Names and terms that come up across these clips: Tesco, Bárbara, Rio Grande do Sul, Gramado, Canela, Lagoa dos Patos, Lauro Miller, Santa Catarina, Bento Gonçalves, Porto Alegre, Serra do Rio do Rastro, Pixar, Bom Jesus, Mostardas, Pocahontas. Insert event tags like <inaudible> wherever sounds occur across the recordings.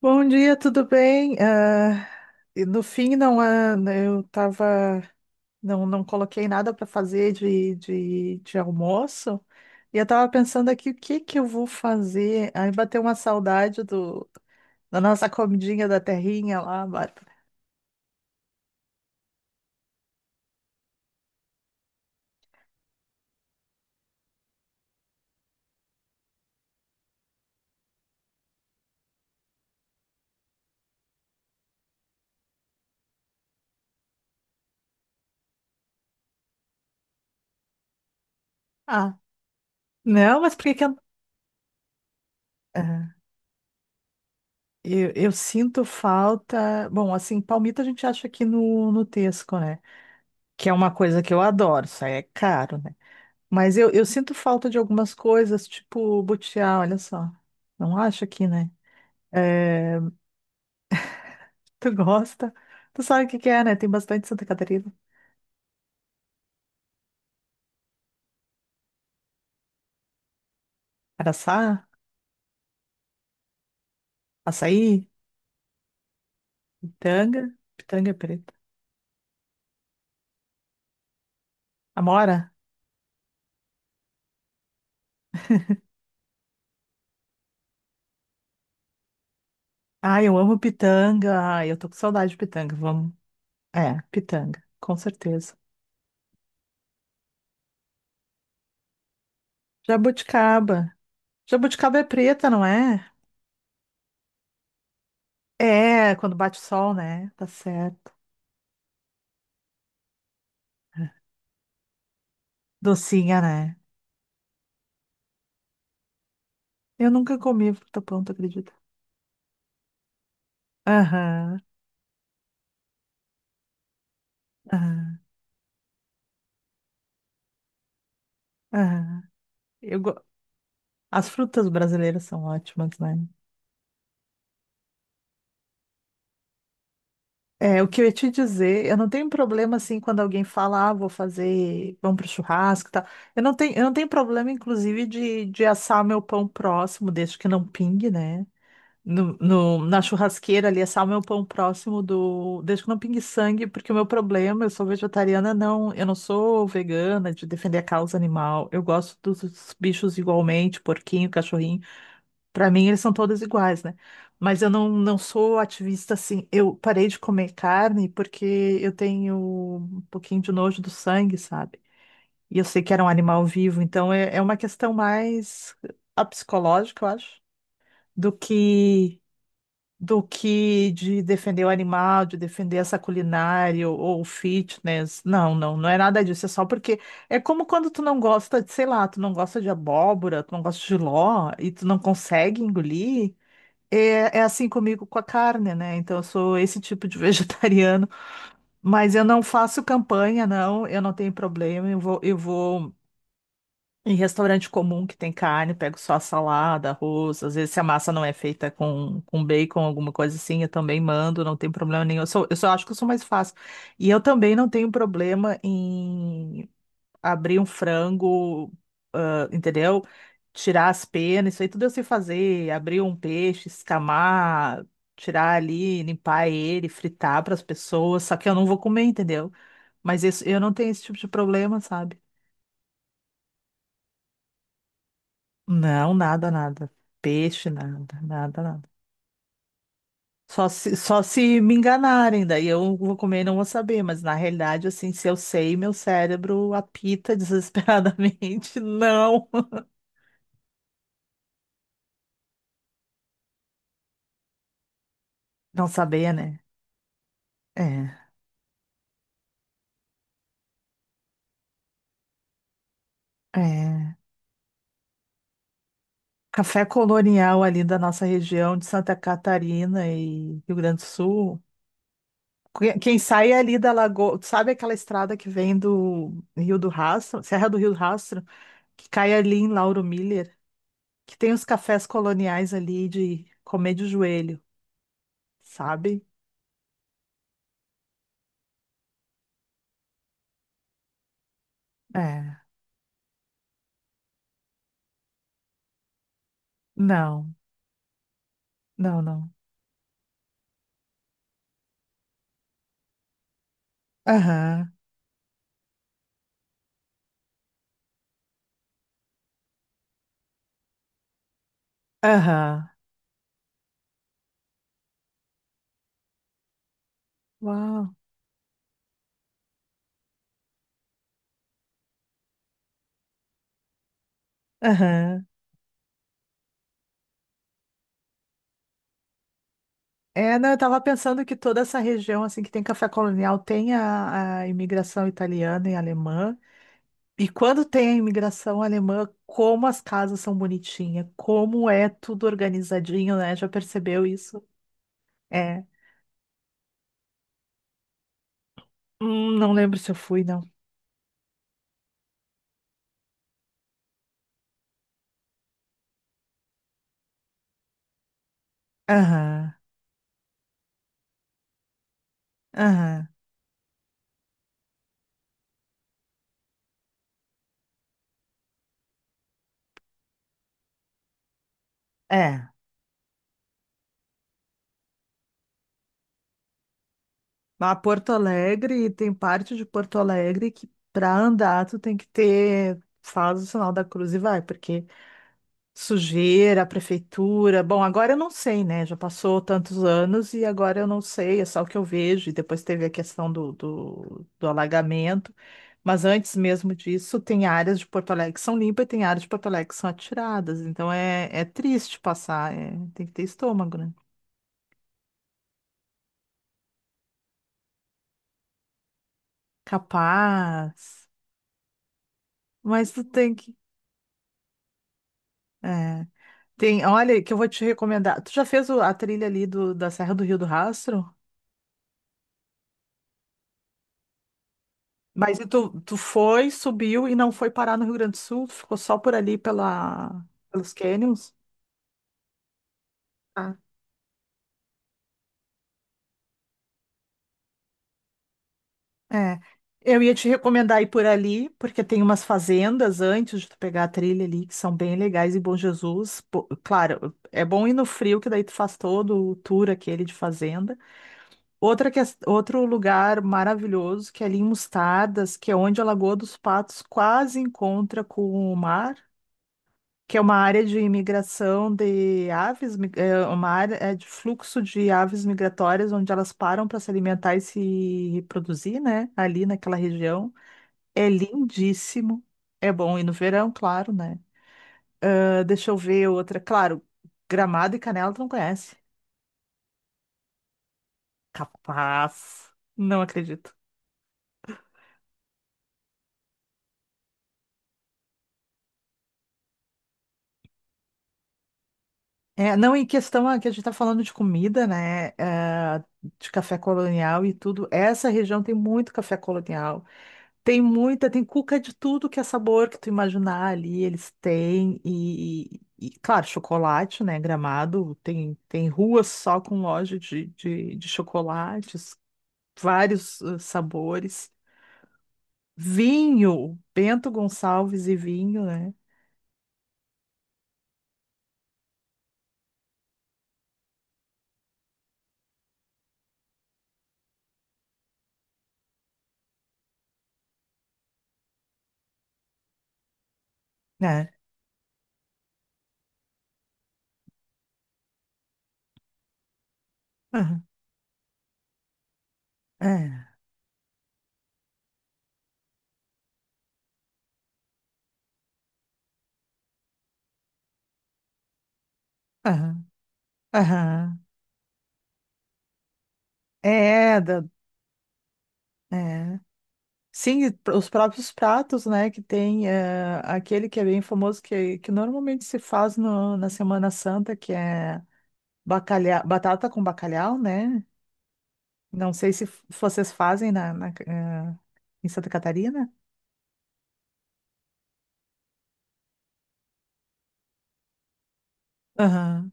Bom dia, tudo bem? E no fim, não, eu tava, não, não coloquei nada para fazer de almoço e eu tava pensando aqui o que que eu vou fazer. Aí bateu uma saudade do, da nossa comidinha da terrinha lá, Bárbara. Ah, não, mas por que que eu, Ah, eu sinto falta? Bom, assim, palmito a gente acha aqui no Tesco, né? Que é uma coisa que eu adoro, isso aí é caro, né? Mas eu sinto falta de algumas coisas, tipo butiá, olha só. Não acho aqui, né? É, <laughs> tu gosta? Tu sabe o que que é, né? Tem bastante em Santa Catarina. Araçá, açaí, pitanga, pitanga preta. Amora? Ai, eu amo pitanga. Ai, eu tô com saudade de pitanga. Vamos. É, pitanga, com certeza. Jabuticaba. Jabuticaba é preta, não é? É, quando bate o sol, né? Tá certo. Docinha, né? Eu nunca comi fruta pão, tu acredita? Aham. Aham. Aham. Eu go- As frutas brasileiras são ótimas, né? É, o que eu ia te dizer, eu não tenho problema assim quando alguém fala, ah, vou fazer pão pro churrasco e tal. Eu não tenho problema, inclusive, de assar o meu pão próximo, desde que não pingue, né? Na churrasqueira ali, assar o meu pão próximo do. Desde que não pingue sangue, porque o meu problema, eu sou vegetariana, não, eu não sou vegana de defender a causa animal. Eu gosto dos bichos igualmente, porquinho, cachorrinho. Para mim, eles são todos iguais, né? Mas eu não, não sou ativista assim. Eu parei de comer carne porque eu tenho um pouquinho de nojo do sangue, sabe? E eu sei que era um animal vivo, então é, é uma questão mais a psicológica, eu acho, do que do que de defender o animal, de defender essa culinária ou fitness. Não, não, não é nada disso. É só porque é como quando tu não gosta de, sei lá, tu não gosta de abóbora, tu não gosta de ló e tu não consegue engolir. É, é assim comigo com a carne, né? Então, eu sou esse tipo de <laughs> vegetariano, mas eu não faço campanha, não, eu não tenho problema. Eu vou em restaurante comum que tem carne, pego só a salada, arroz. Às vezes, se a massa não é feita com bacon, alguma coisa assim, eu também mando, não tem problema nenhum. Eu sou, eu só acho que eu sou mais fácil. E eu também não tenho problema em abrir um frango, ah, entendeu? Tirar as penas, isso aí tudo eu sei fazer. Abrir um peixe, escamar, tirar ali, limpar ele, fritar para as pessoas. Só que eu não vou comer, entendeu? Mas isso, eu não tenho esse tipo de problema, sabe? Não, nada, nada. Peixe, nada, nada, nada. Só se me enganarem, daí eu vou comer e não vou saber. Mas na realidade, assim, se eu sei, meu cérebro apita <laughs> desesperadamente. Não. Não saber, né? É. É, café colonial ali da nossa região de Santa Catarina e Rio Grande do Sul. Quem sai ali da Lagoa, sabe aquela estrada que vem do Rio do Rastro, Serra do Rio do Rastro, que cai ali em Lauro Miller, que tem os cafés coloniais ali de comer de joelho, sabe? É, não, não, não. Aham, aham, uau, aham. É, não, eu estava pensando que toda essa região assim que tem café colonial tem a imigração italiana e alemã. E quando tem a imigração alemã, como as casas são bonitinhas, como é tudo organizadinho, né? Já percebeu isso? É. Não lembro se eu fui, não. Aham, aham. É. A Porto Alegre, tem parte de Porto Alegre que para andar tu tem que ter, faz o sinal da cruz e vai, porque sujeira, prefeitura. Bom, agora eu não sei, né? Já passou tantos anos e agora eu não sei, é só o que eu vejo. E depois teve a questão do alagamento. Mas antes mesmo disso, tem áreas de Porto Alegre que são limpas e tem áreas de Porto Alegre que são atiradas. Então é, é triste passar, é, tem que ter estômago, né? Capaz. Mas tu tem que. É. Tem, olha, que eu vou te recomendar. Tu já fez a trilha ali do, da Serra do Rio do Rastro? Mas e tu, tu foi, subiu e não foi parar no Rio Grande do Sul? Tu ficou só por ali pela, pelos canyons? Ah, é. Eu ia te recomendar ir por ali, porque tem umas fazendas antes de tu pegar a trilha ali, que são bem legais e Bom Jesus. Pô, claro, é bom ir no frio, que daí tu faz todo o tour aquele de fazenda. Outro lugar maravilhoso, que é ali em Mostardas, que é onde a Lagoa dos Patos quase encontra com o mar. Que é uma área de imigração de aves, é uma área é de fluxo de aves migratórias, onde elas param para se alimentar e se reproduzir, né? Ali naquela região. É lindíssimo. É bom ir no verão, claro, né? Ah, deixa eu ver outra. Claro, Gramado e Canela tu não conhece. Capaz. Não acredito. É, não, em questão que a gente está falando de comida, né? De café colonial e tudo. Essa região tem muito café colonial. Tem muita, tem cuca de tudo que é sabor que tu imaginar ali, eles têm. E, claro, chocolate, né? Gramado, tem, tem ruas só com loja de chocolates, vários sabores. Vinho, Bento Gonçalves e vinho, né? É, aham, é, aham, aham. É, da, é. Sim, e os próprios pratos, né, que tem aquele que é bem famoso, que normalmente se faz na Semana Santa, que é bacalhau, batata com bacalhau, né? Não sei se vocês fazem na, na em Santa Catarina. Aham,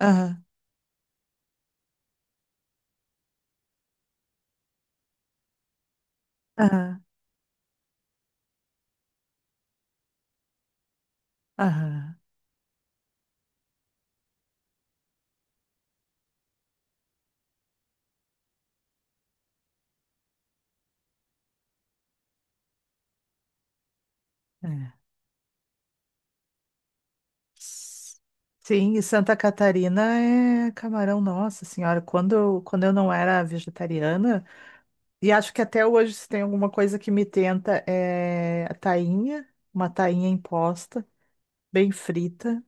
aham, aham, aham. É. S- Sim, e Santa Catarina é camarão, nossa senhora, quando, quando eu não era vegetariana, e acho que até hoje, se tem alguma coisa que me tenta, é a tainha, uma tainha imposta, bem frita.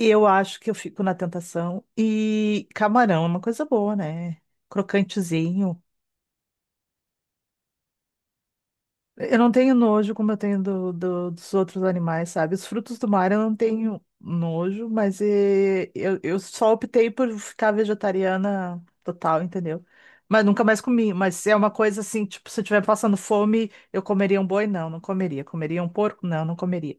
E eu acho que eu fico na tentação. E camarão é uma coisa boa, né? Crocantezinho. Eu não tenho nojo como eu tenho dos outros animais, sabe? Os frutos do mar eu não tenho nojo, mas eu só optei por ficar vegetariana total, entendeu? Mas nunca mais comi. Mas é uma coisa assim, tipo, se eu estiver passando fome, eu comeria um boi? Não, não comeria. Comeria um porco? Não, não comeria.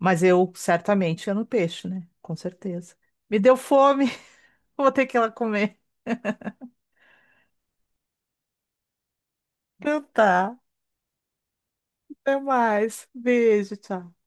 Mas eu certamente ia no peixe, né? Com certeza. Me deu fome, <laughs> vou ter que ir lá comer. Então tá. Até mais. Beijo, tchau.